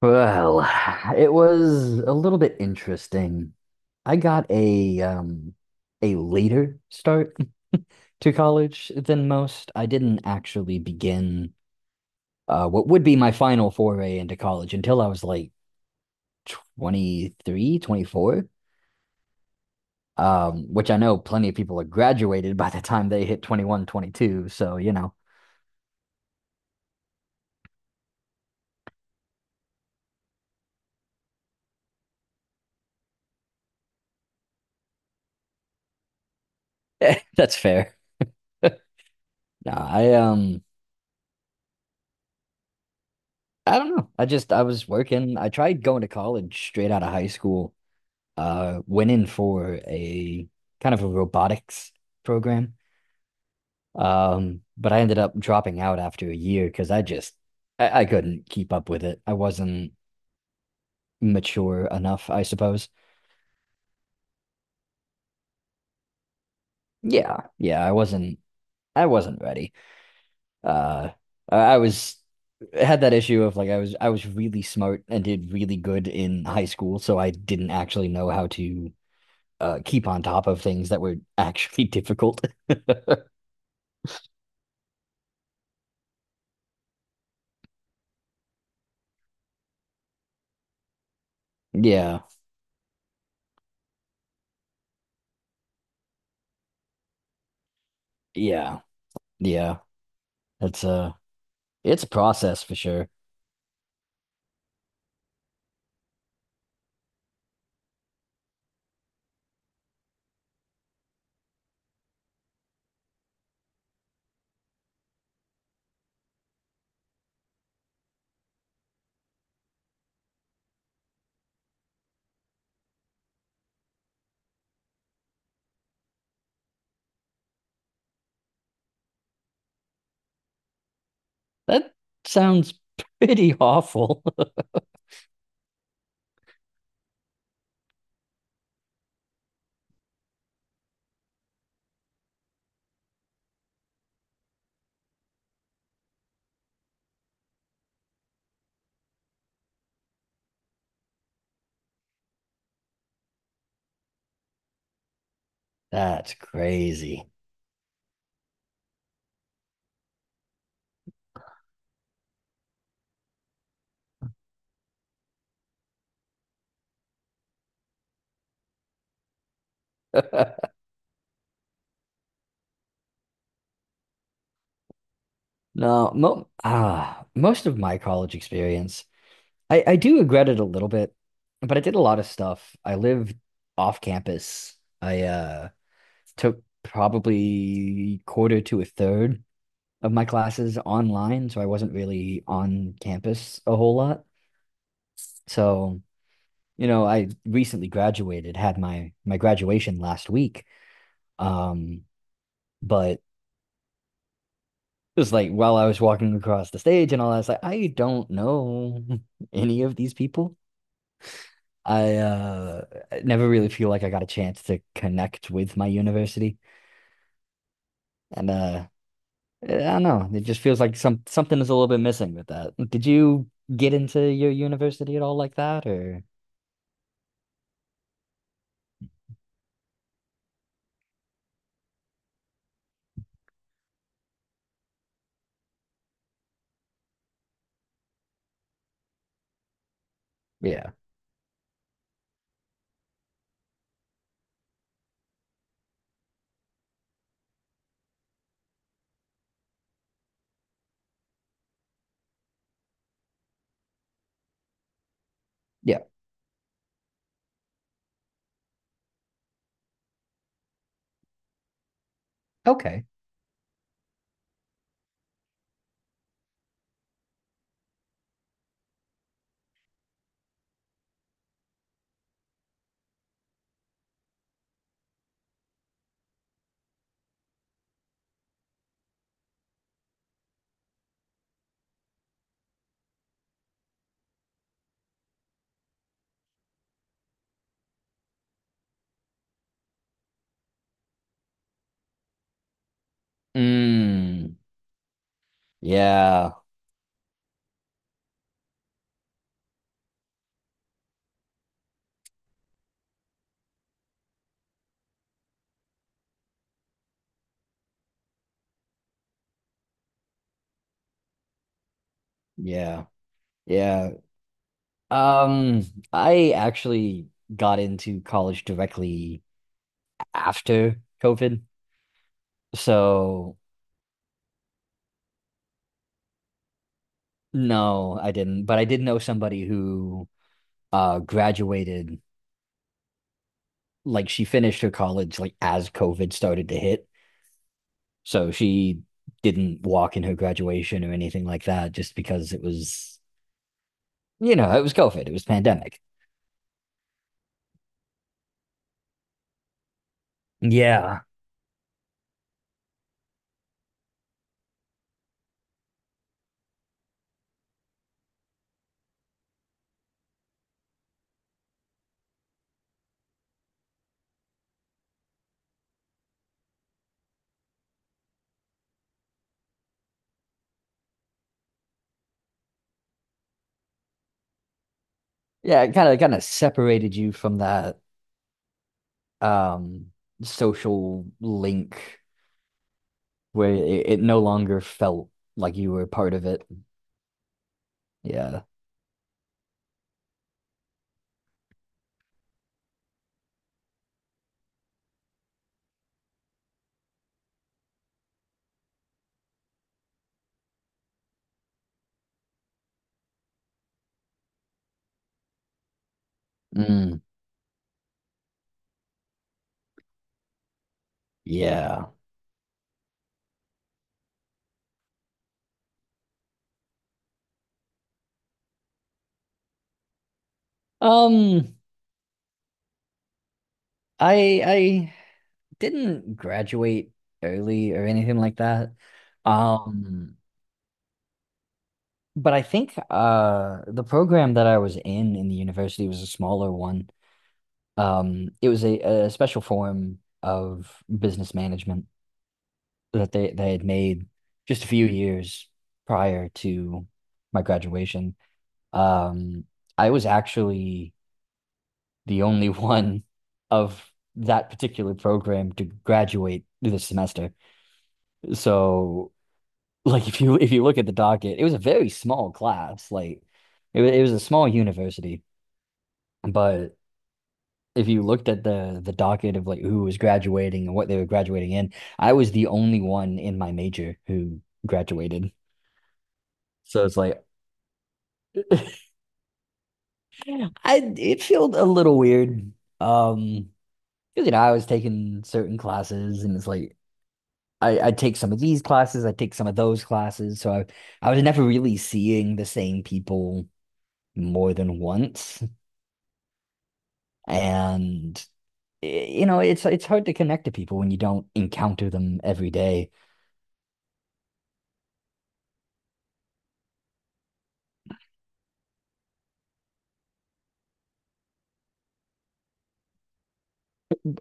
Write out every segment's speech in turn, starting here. Well, it was a little bit interesting. I got a a later start to college than most. I didn't actually begin what would be my final foray into college until I was like 23, 24. Which I know plenty of people are graduated by the time they hit 21, 22. That's fair. No, I I don't know. I just I was working. I tried going to college straight out of high school, went in for a kind of a robotics program. But I ended up dropping out after a year because I couldn't keep up with it. I wasn't mature enough, I suppose. Yeah, yeah, I wasn't ready. Uh, I was had that issue of like I was really smart and did really good in high school, so I didn't actually know how to keep on top of things that were actually difficult. Yeah, yeah, yeah. It's a it's a process for sure. That sounds pretty awful. That's crazy. No, most of my college experience, I do regret it a little bit, but I did a lot of stuff. I lived off campus. I took probably quarter to a third of my classes online, so I wasn't really on campus a whole lot. So, you know, I recently graduated, had my graduation last week. Um, but just like while I was walking across the stage and all, I was like, I don't know any of these people. I never really feel like I got a chance to connect with my university. And I don't know. It just feels like something is a little bit missing with that. Did you get into your university at all like that or yeah. Yeah. Okay. Mm. Yeah. Yeah. Yeah. Um, I actually got into college directly after COVID. So no, I didn't. But I did know somebody who graduated, like she finished her college like as COVID started to hit. So she didn't walk in her graduation or anything like that just because it was, you know, it was COVID, it was pandemic. Yeah. Yeah, it kind of separated you from that um social link, where it no longer felt like you were a part of it. Yeah. Mm. Yeah. Um, I didn't graduate early or anything like that. Um, but I think the program that I was in the university was a smaller one. It was a special form of business management that they had made just a few years prior to my graduation. Um, I was actually the only one of that particular program to graduate this semester. So like if you look at the docket, it was a very small class. Like it was a small university, but if you looked at the docket of like who was graduating and what they were graduating in, I was the only one in my major who graduated. So it's like I it felt a little weird. Um, 'Cause, you know, I was taking certain classes and it's like I take some of these classes, I take some of those classes. So I was never really seeing the same people more than once. And you know, it's hard to connect to people when you don't encounter them every day.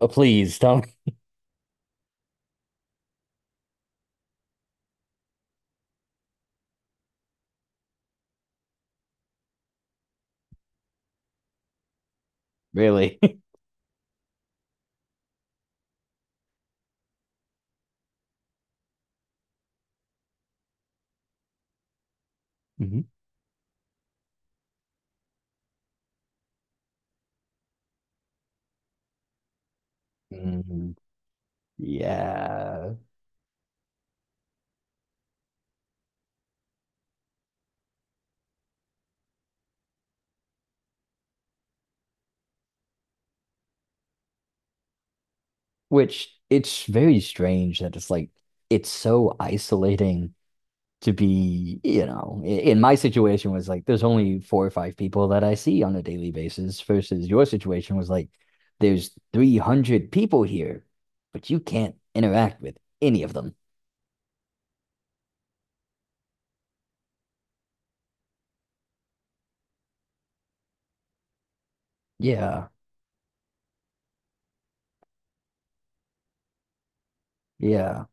Please don't. Really? Mhm. Mm, yeah. Which, it's very strange that it's like it's so isolating to be, you know, in my situation was like there's only 4 or 5 people that I see on a daily basis versus your situation was like there's 300 people here, but you can't interact with any of them. Yeah. Yeah,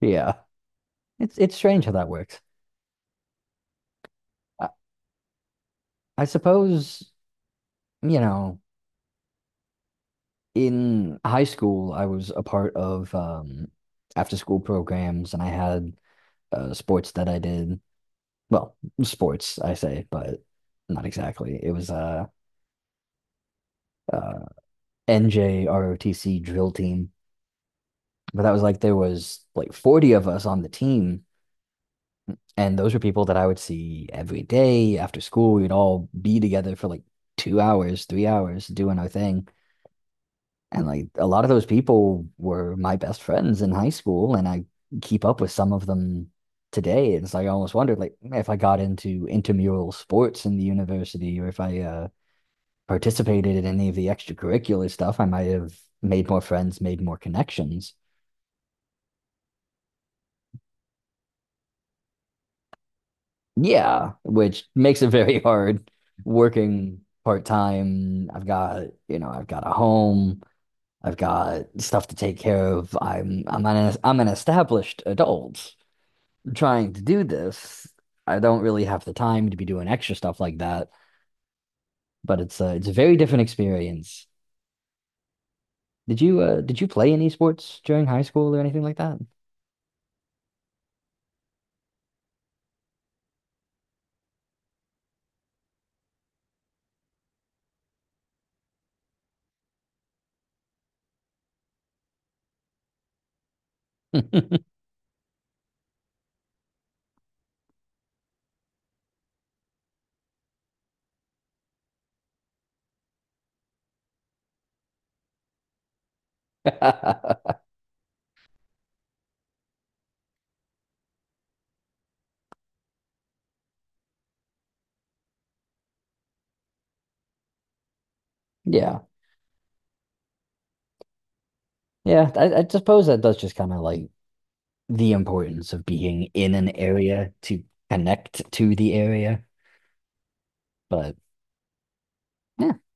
yeah. It's strange how that works. I, I suppose, you know, in high school I was a part of after school programs and I had sports that I did. Well, sports I say, but not exactly. It was uh NJROTC drill team. But that was like there was like 40 of us on the team and those were people that I would see every day after school. We'd all be together for like 2 hours, 3 hours doing our thing. And like a lot of those people were my best friends in high school, and I keep up with some of them today. And it's like I almost wondered, like, if I got into intramural sports in the university, or if I participated in any of the extracurricular stuff, I might have made more friends, made more connections. Yeah, which makes it very hard working part time. I've got, you know, I've got a home. I've got stuff to take care of. I'm an established adult trying to do this. I don't really have the time to be doing extra stuff like that. But it's a very different experience. Did you play any sports during high school or anything like that? Yeah, yeah. I suppose that does just kind of like the importance of being in an area to connect to the area. But eh,